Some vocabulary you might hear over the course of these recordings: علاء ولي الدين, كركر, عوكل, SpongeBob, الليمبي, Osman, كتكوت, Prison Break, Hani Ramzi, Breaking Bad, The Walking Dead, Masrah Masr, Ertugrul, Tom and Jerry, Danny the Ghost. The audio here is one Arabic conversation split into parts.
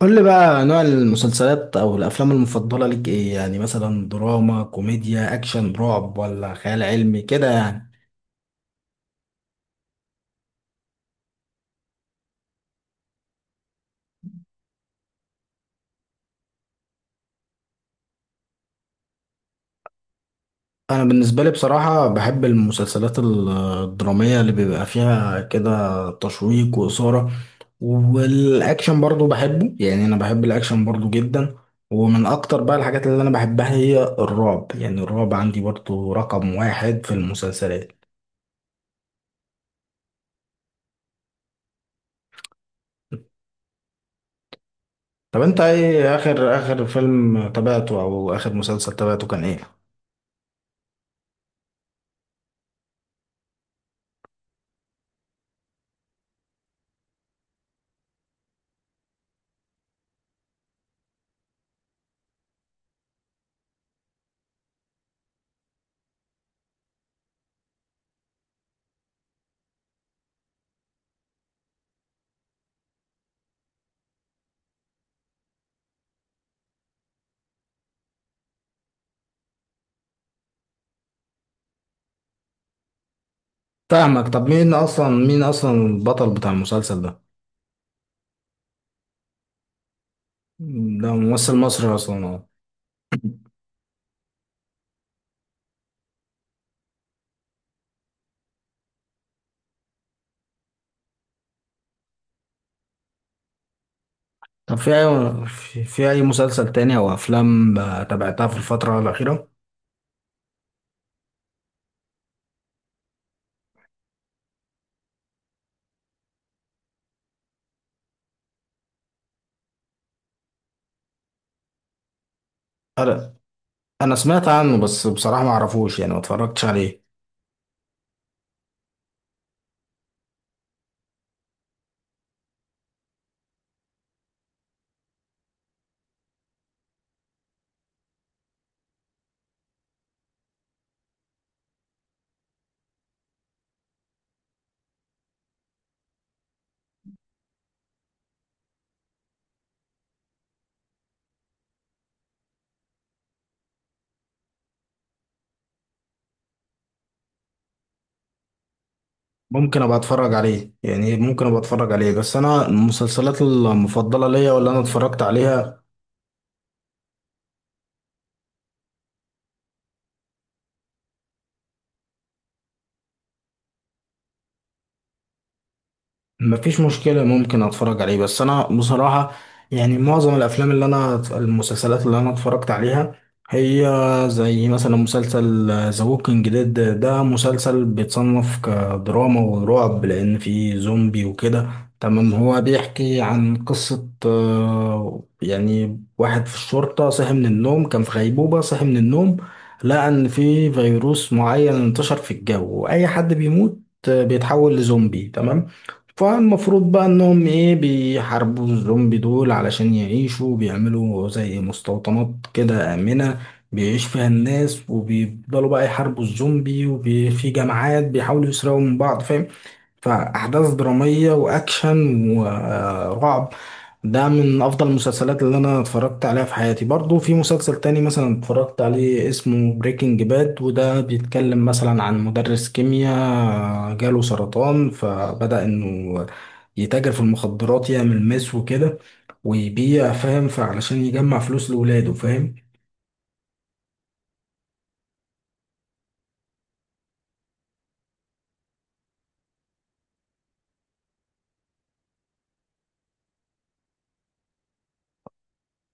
قول لي بقى نوع المسلسلات او الافلام المفضله لك ايه؟ يعني مثلا دراما، كوميديا، اكشن، رعب، ولا خيال علمي كده يعني. انا بالنسبه لي بصراحه بحب المسلسلات الدراميه اللي بيبقى فيها كده تشويق واثاره، والاكشن برضو بحبه، يعني انا بحب الاكشن برضو جدا. ومن اكتر بقى الحاجات اللي انا بحبها هي الرعب، يعني الرعب عندي برضو رقم واحد في المسلسلات. طب انت ايه اخر فيلم تابعته او اخر مسلسل تابعته كان ايه؟ فاهمك. طب مين اصلا، مين اصلا البطل بتاع المسلسل ده؟ ده ممثل مصري اصلا؟ اه. طب في اي في اي مسلسل تاني او افلام تابعتها في الفترة الاخيرة؟ انا انا سمعت عنه بس بصراحة ما اعرفوش، يعني ما اتفرجتش عليه. ممكن ابقى اتفرج عليه، يعني ممكن ابقى اتفرج عليه، بس انا المسلسلات المفضلة ليا واللي انا اتفرجت عليها. مفيش مشكلة، ممكن اتفرج عليه، بس انا بصراحة يعني معظم الافلام اللي انا، المسلسلات اللي انا اتفرجت عليها هي زي مثلا مسلسل ذا ووكينج ديد. ده مسلسل بيتصنف كدراما ورعب لان فيه زومبي وكده. تمام، هو بيحكي عن قصة يعني واحد في الشرطة صحي من النوم، كان في غيبوبة صحي من النوم، لقى ان في فيروس معين انتشر في الجو، واي حد بيموت بيتحول لزومبي. تمام، فالمفروض بقى انهم ايه، بيحاربوا الزومبي دول علشان يعيشوا، بيعملوا زي مستوطنات كده آمنة بيعيش فيها الناس، وبيفضلوا بقى يحاربوا الزومبي، وفي جماعات بيحاولوا يسرقوا من بعض، فاهم؟ فأحداث درامية وأكشن ورعب. ده من أفضل المسلسلات اللي أنا اتفرجت عليها في حياتي. برضو في مسلسل تاني مثلا اتفرجت عليه اسمه بريكنج باد، وده بيتكلم مثلا عن مدرس كيمياء جاله سرطان، فبدأ إنه يتاجر في المخدرات، يعمل مس وكده، ويبيع، فاهم؟ فعلشان يجمع فلوس لولاده، فاهم؟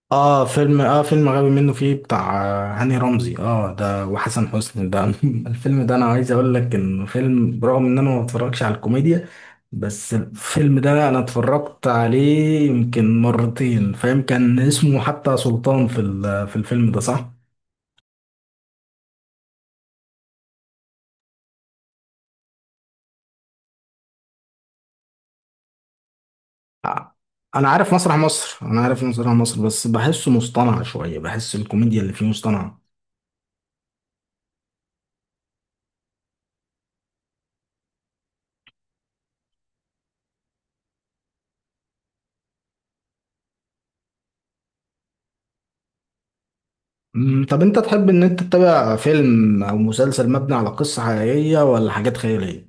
اه فيلم، اه فيلم غبي منه فيه بتاع هاني رمزي، اه ده، وحسن حسني ده. الفيلم ده انا عايز اقول لك انه فيلم برغم ان انا ما بتفرجش على الكوميديا، بس الفيلم ده انا اتفرجت عليه يمكن مرتين، فاهم؟ كان اسمه حتى سلطان في في الفيلم ده، صح؟ آه، انا عارف مسرح مصر، انا عارف مسرح مصر، بس بحسه مصطنع شوية، بحس الكوميديا اللي فيه مصطنعة. مم، طب انت تحب ان انت تتابع فيلم او مسلسل مبني على قصة حقيقية ولا حاجات خيالية؟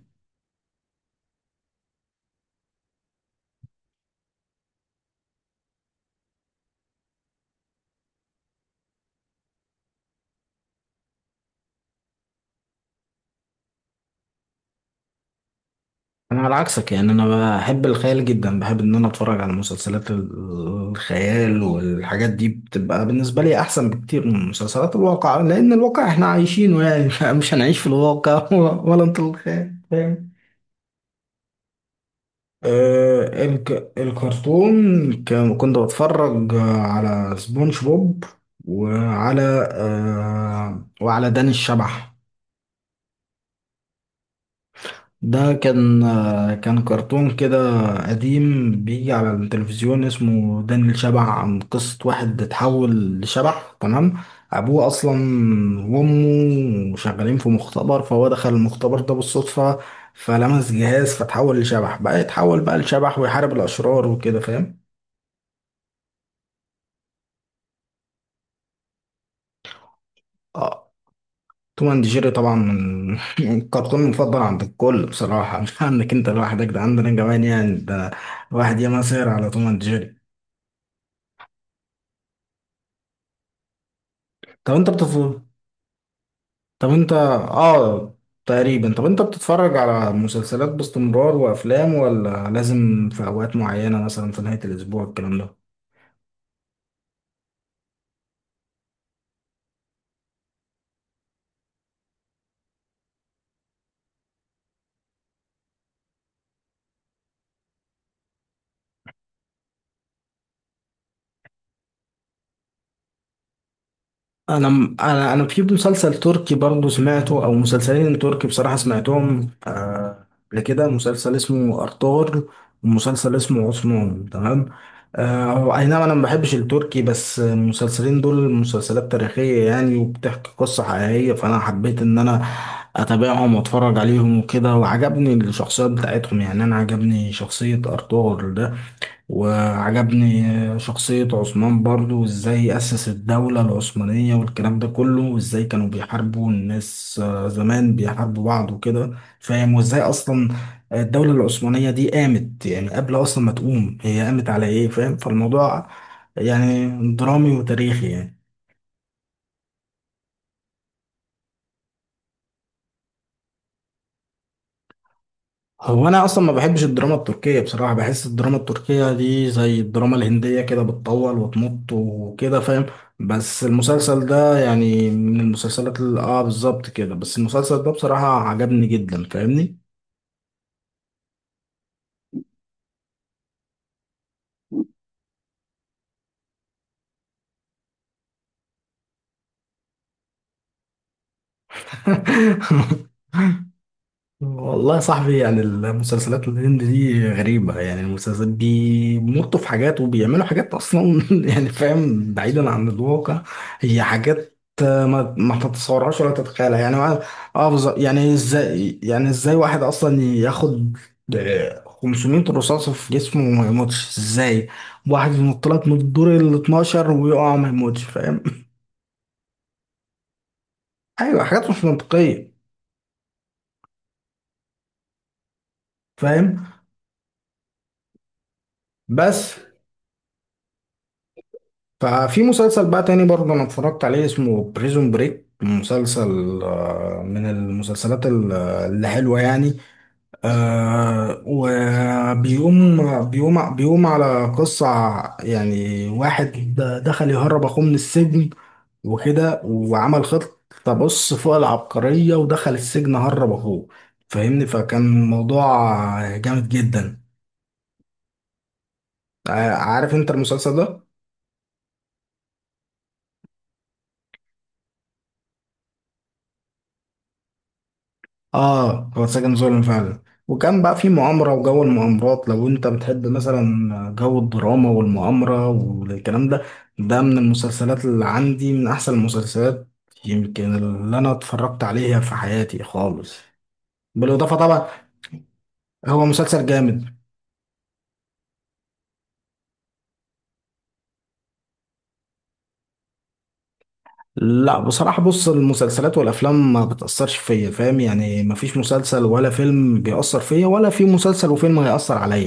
انا على عكسك، يعني انا بحب الخيال جدا، بحب ان انا اتفرج على مسلسلات الخيال، والحاجات دي بتبقى بالنسبه لي احسن بكتير من مسلسلات الواقع، لان الواقع احنا عايشينه يعني، مش هنعيش في الواقع ولا انت، الخيال، فاهم؟ آه، الكرتون كنت بتفرج على سبونج بوب، وعلى وعلى داني الشبح. ده كان كان كرتون كده قديم بيجي على التلفزيون اسمه داني الشبح، عن قصة واحد اتحول لشبح. تمام، أبوه أصلا وأمه شغالين في مختبر، فهو دخل المختبر ده بالصدفة، فلمس جهاز فتحول لشبح، بقى يتحول بقى لشبح ويحارب الأشرار وكده، فاهم؟ اه، توم اند جيري طبعا من الكرتون المفضل عند الكل، بصراحة مش عندك انت لوحدك، ده عندنا كمان يعني، ده واحد ياما سهر على توم اند جيري. طب انت بتفضل، طب انت اه، تقريبا، طب انت بتتفرج على مسلسلات باستمرار وافلام، ولا لازم في اوقات معينة مثلا في نهاية الاسبوع الكلام ده؟ انا انا انا في مسلسل تركي برضو سمعته، او مسلسلين تركي بصراحة سمعتهم قبل كده، مسلسل اسمه ارطغرل ومسلسل اسمه عثمان. تمام، آه، اي نعم، انا ما بحبش التركي، بس المسلسلين دول مسلسلات تاريخية يعني، وبتحكي قصة حقيقية، فانا حبيت ان انا اتابعهم واتفرج عليهم وكده، وعجبني الشخصيات بتاعتهم، يعني انا عجبني شخصية ارطغرل ده، وعجبني شخصية عثمان برضو، وازاي أسس الدولة العثمانية والكلام ده كله، وازاي كانوا بيحاربوا الناس زمان بيحاربوا بعض وكده، فاهم؟ وازاي أصلا الدولة العثمانية دي قامت، يعني قبل أصلا ما تقوم هي قامت على إيه، فاهم؟ فالموضوع يعني درامي وتاريخي يعني. هو انا اصلا ما بحبش الدراما التركية بصراحة، بحس الدراما التركية دي زي الدراما الهندية كده، بتطول وتمط وكده، فاهم؟ بس المسلسل ده يعني من المسلسلات اللي اه بالظبط كده، بس المسلسل ده بصراحة عجبني جدا، فاهمني؟ والله يا صاحبي، يعني المسلسلات الهند دي غريبة، يعني المسلسلات بيمطوا في حاجات وبيعملوا حاجات أصلا يعني فاهم، بعيدا عن الواقع، هي حاجات ما تتصورهاش ولا تتخيلها يعني، اه آه، بالظبط. يعني ازاي، يعني ازاي واحد أصلا ياخد 500 رصاصة في جسمه وما يموتش؟ ازاي واحد ينط لك من الدور ال 12 ويقع ما يموتش، فاهم؟ أيوة حاجات مش منطقية، فاهم؟ بس ففي مسلسل بقى تاني برضه انا اتفرجت عليه اسمه بريزون بريك، مسلسل من المسلسلات اللي حلوة يعني. آه، وبيقوم بيقوم بيقوم على قصة يعني، واحد دخل يهرب اخوه من السجن وكده، وعمل خطة بص فوق العبقرية، ودخل السجن هرب اخوه، فاهمني؟ فكان موضوع جامد جدا. آه، عارف انت المسلسل ده؟ اه، هو ساكن ظلم فعلا. وكان بقى في مؤامرة، وجو المؤامرات لو انت بتحب مثلا جو الدراما والمؤامرة والكلام ده، ده من المسلسلات اللي عندي من احسن المسلسلات يمكن اللي انا اتفرجت عليها في حياتي خالص، بالاضافة طبعا، هو مسلسل جامد. لا بصراحة، بص المسلسلات والافلام ما بتأثرش فيا، فاهم؟ يعني ما فيش مسلسل ولا فيلم بيأثر فيا، ولا في مسلسل وفيلم هيأثر عليا.